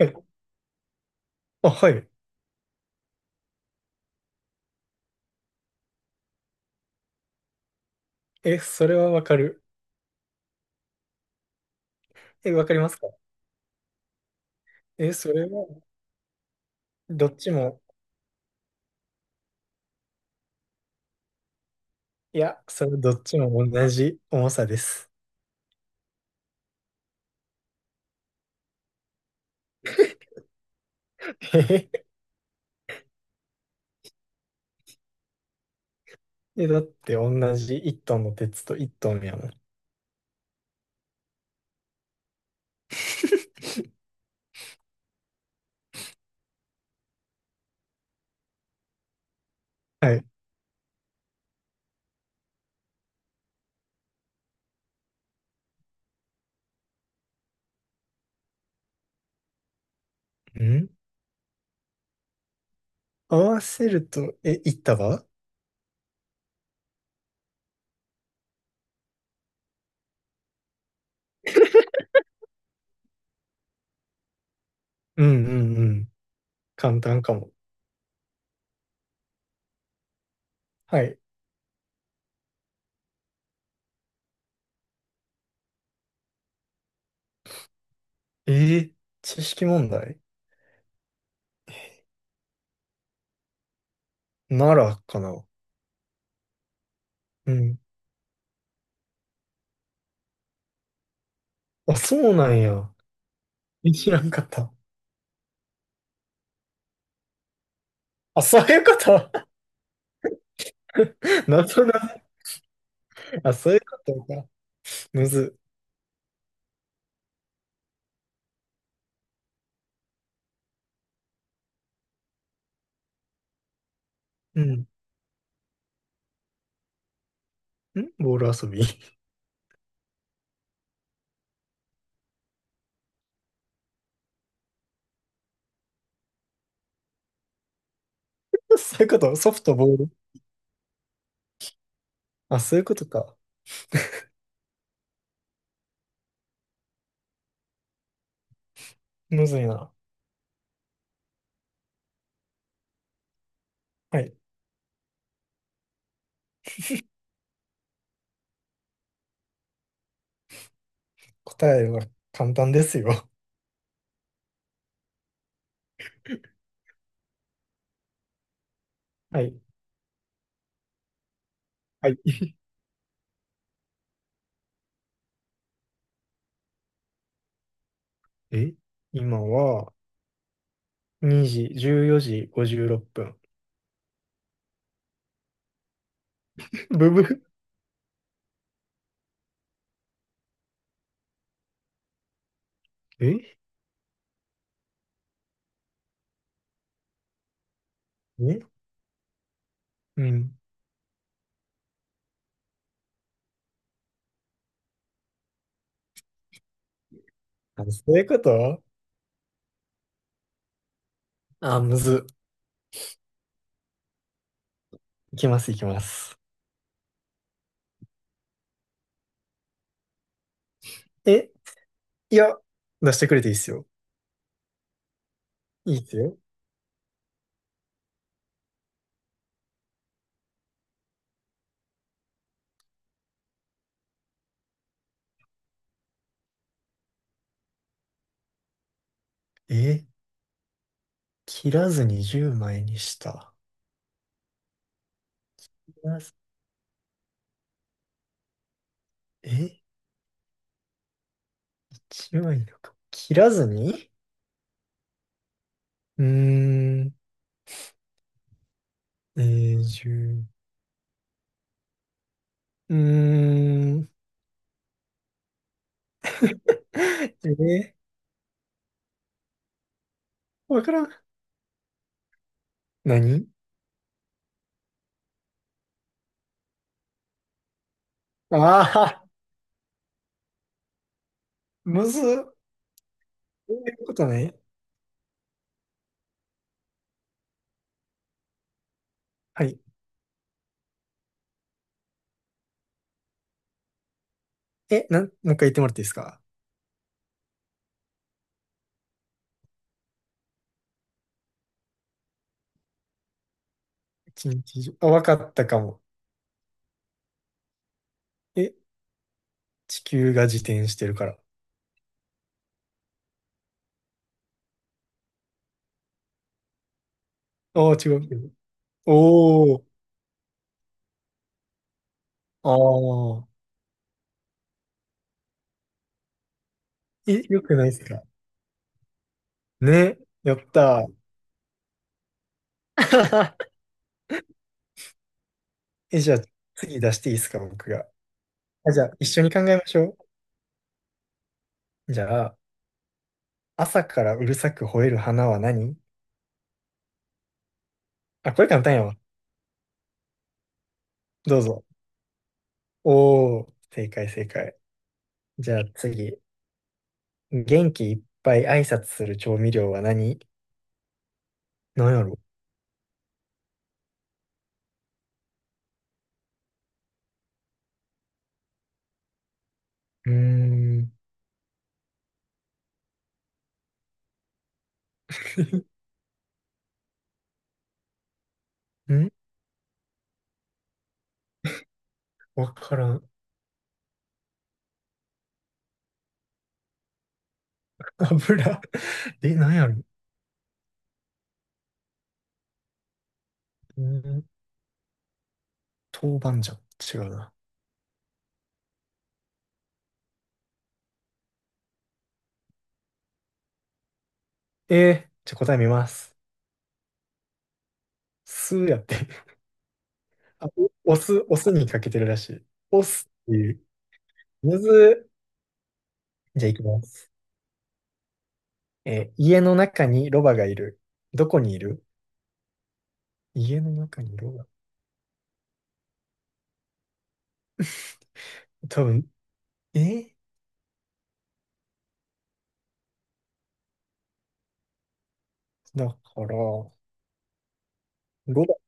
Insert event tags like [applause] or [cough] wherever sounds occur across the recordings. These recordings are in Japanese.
え、あ、はい。え、それはわかる。え、わかりますか？え、それは、どっちも、いや、それどっちも同じ重さです。[laughs] えへへ、だって同じ1トンの鉄と1トンやもん。[laughs] はい。ん、合わせると、いった束？うんうんうん。簡単かも。はい。えー知識問題、ならかな。うん。あ、そうなんや。え、知らんかった。あ、そういうこと。 [laughs] なぞなぞ [laughs]。あ、そういうことか。むず。うん。ん、ボール遊び。 [laughs] そういうこと、ソフトボール。あ、そういうことか。むずいな。はい。答えは簡単ですよ。[laughs] はい。はい。[laughs] え今は2時、14時56分。[laughs] ブブ。ええ、うん。あ、そういうこと。あ、むず。いきます、いきます。えいや、出してくれていいっすよ。いいっすよ。え、切らずに10枚にした。切らず、え ?1 枚のか。切らずに、うーん。永住。うーん。[laughs] えわからん。何？ああー、むずっ。そういうことね。はい。え、もう一回言ってもらっていいですか？一日中。あ、わかったかも。え、地球が自転してるから。ああ、違うけど。おー。ああ。え、よくないですか？ね。やったー。[laughs] え、じゃあ、次出していいですか、僕が。あ、じゃあ、一緒に考えましょう。じゃあ、朝からうるさく吠える花は何？あ、これ簡単やわ。どうぞ。おー、正解正解。じゃあ次。元気いっぱい挨拶する調味料は何？何やろ？うーん。[laughs] ん。わからん。油。[laughs] え、何やろ？うーん。豆板醤。違うな。えー、じゃあ答え見ます。酢やって。あ、お酢、お酢にかけてるらしい。お酢っていう。むずー。じゃあいきます。家の中にロバがいる。どこにいる？家の中にロバ。多分、えーだから、ロバ。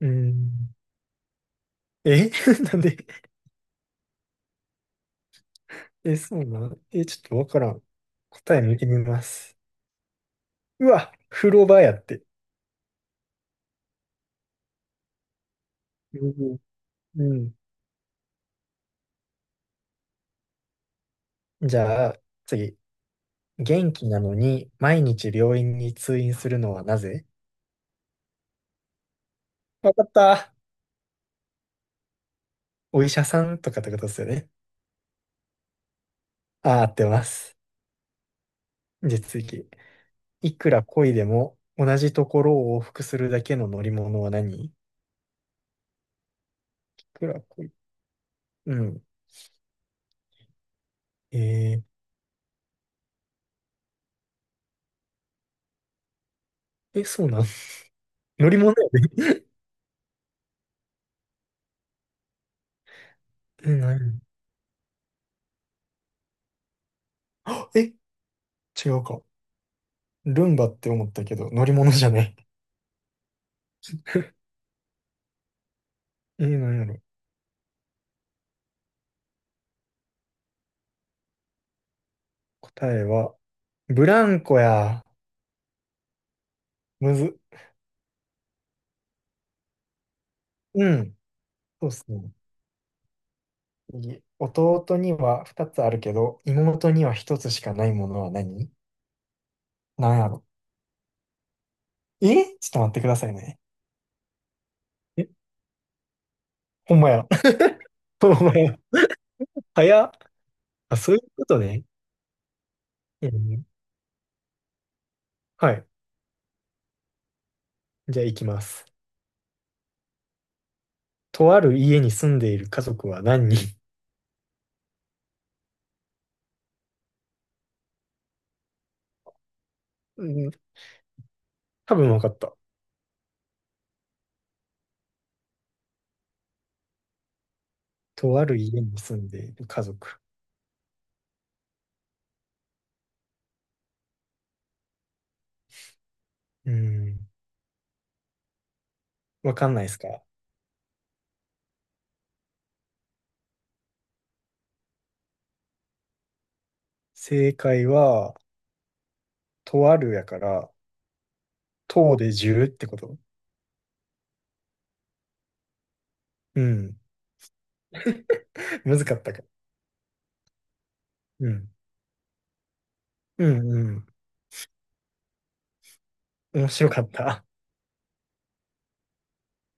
うん。え、 [laughs] なんで？え、そうなん？ちょっとわからん。答え見てみます。うわ、風呂場やって。うんうん。じゃあ、次。元気なのに毎日病院に通院するのはなぜ？わかった。お医者さんとかってことですよね？ああ、合ってます。じゃあ次。いくら漕いでも同じところを往復するだけの乗り物は何？いくら漕い、うん。えそうなん？ [laughs] 乗り物や。え、あ、[gasps] え、違うか。ルンバって思ったけど、乗り物じゃない。[laughs] え、なやろ。答えは、ブランコや。むず。うん。そうっすね。次、弟には2つあるけど、妹には1つしかないものは何？なやろ。ちょっと待ってくださいね。え、ほんまや。[laughs] ほんまや。早っ。あ、そういうことね。うん。はい。じゃあ行きます。とある家に住んでいる家族は何人？うん、多分分かった。とある家に住んでいる家族。うん。わかんないですか？正解は、とあるやから、とでじゅ0ってこと？うん。[laughs] むずかったか。うん。うんうん。面白かった。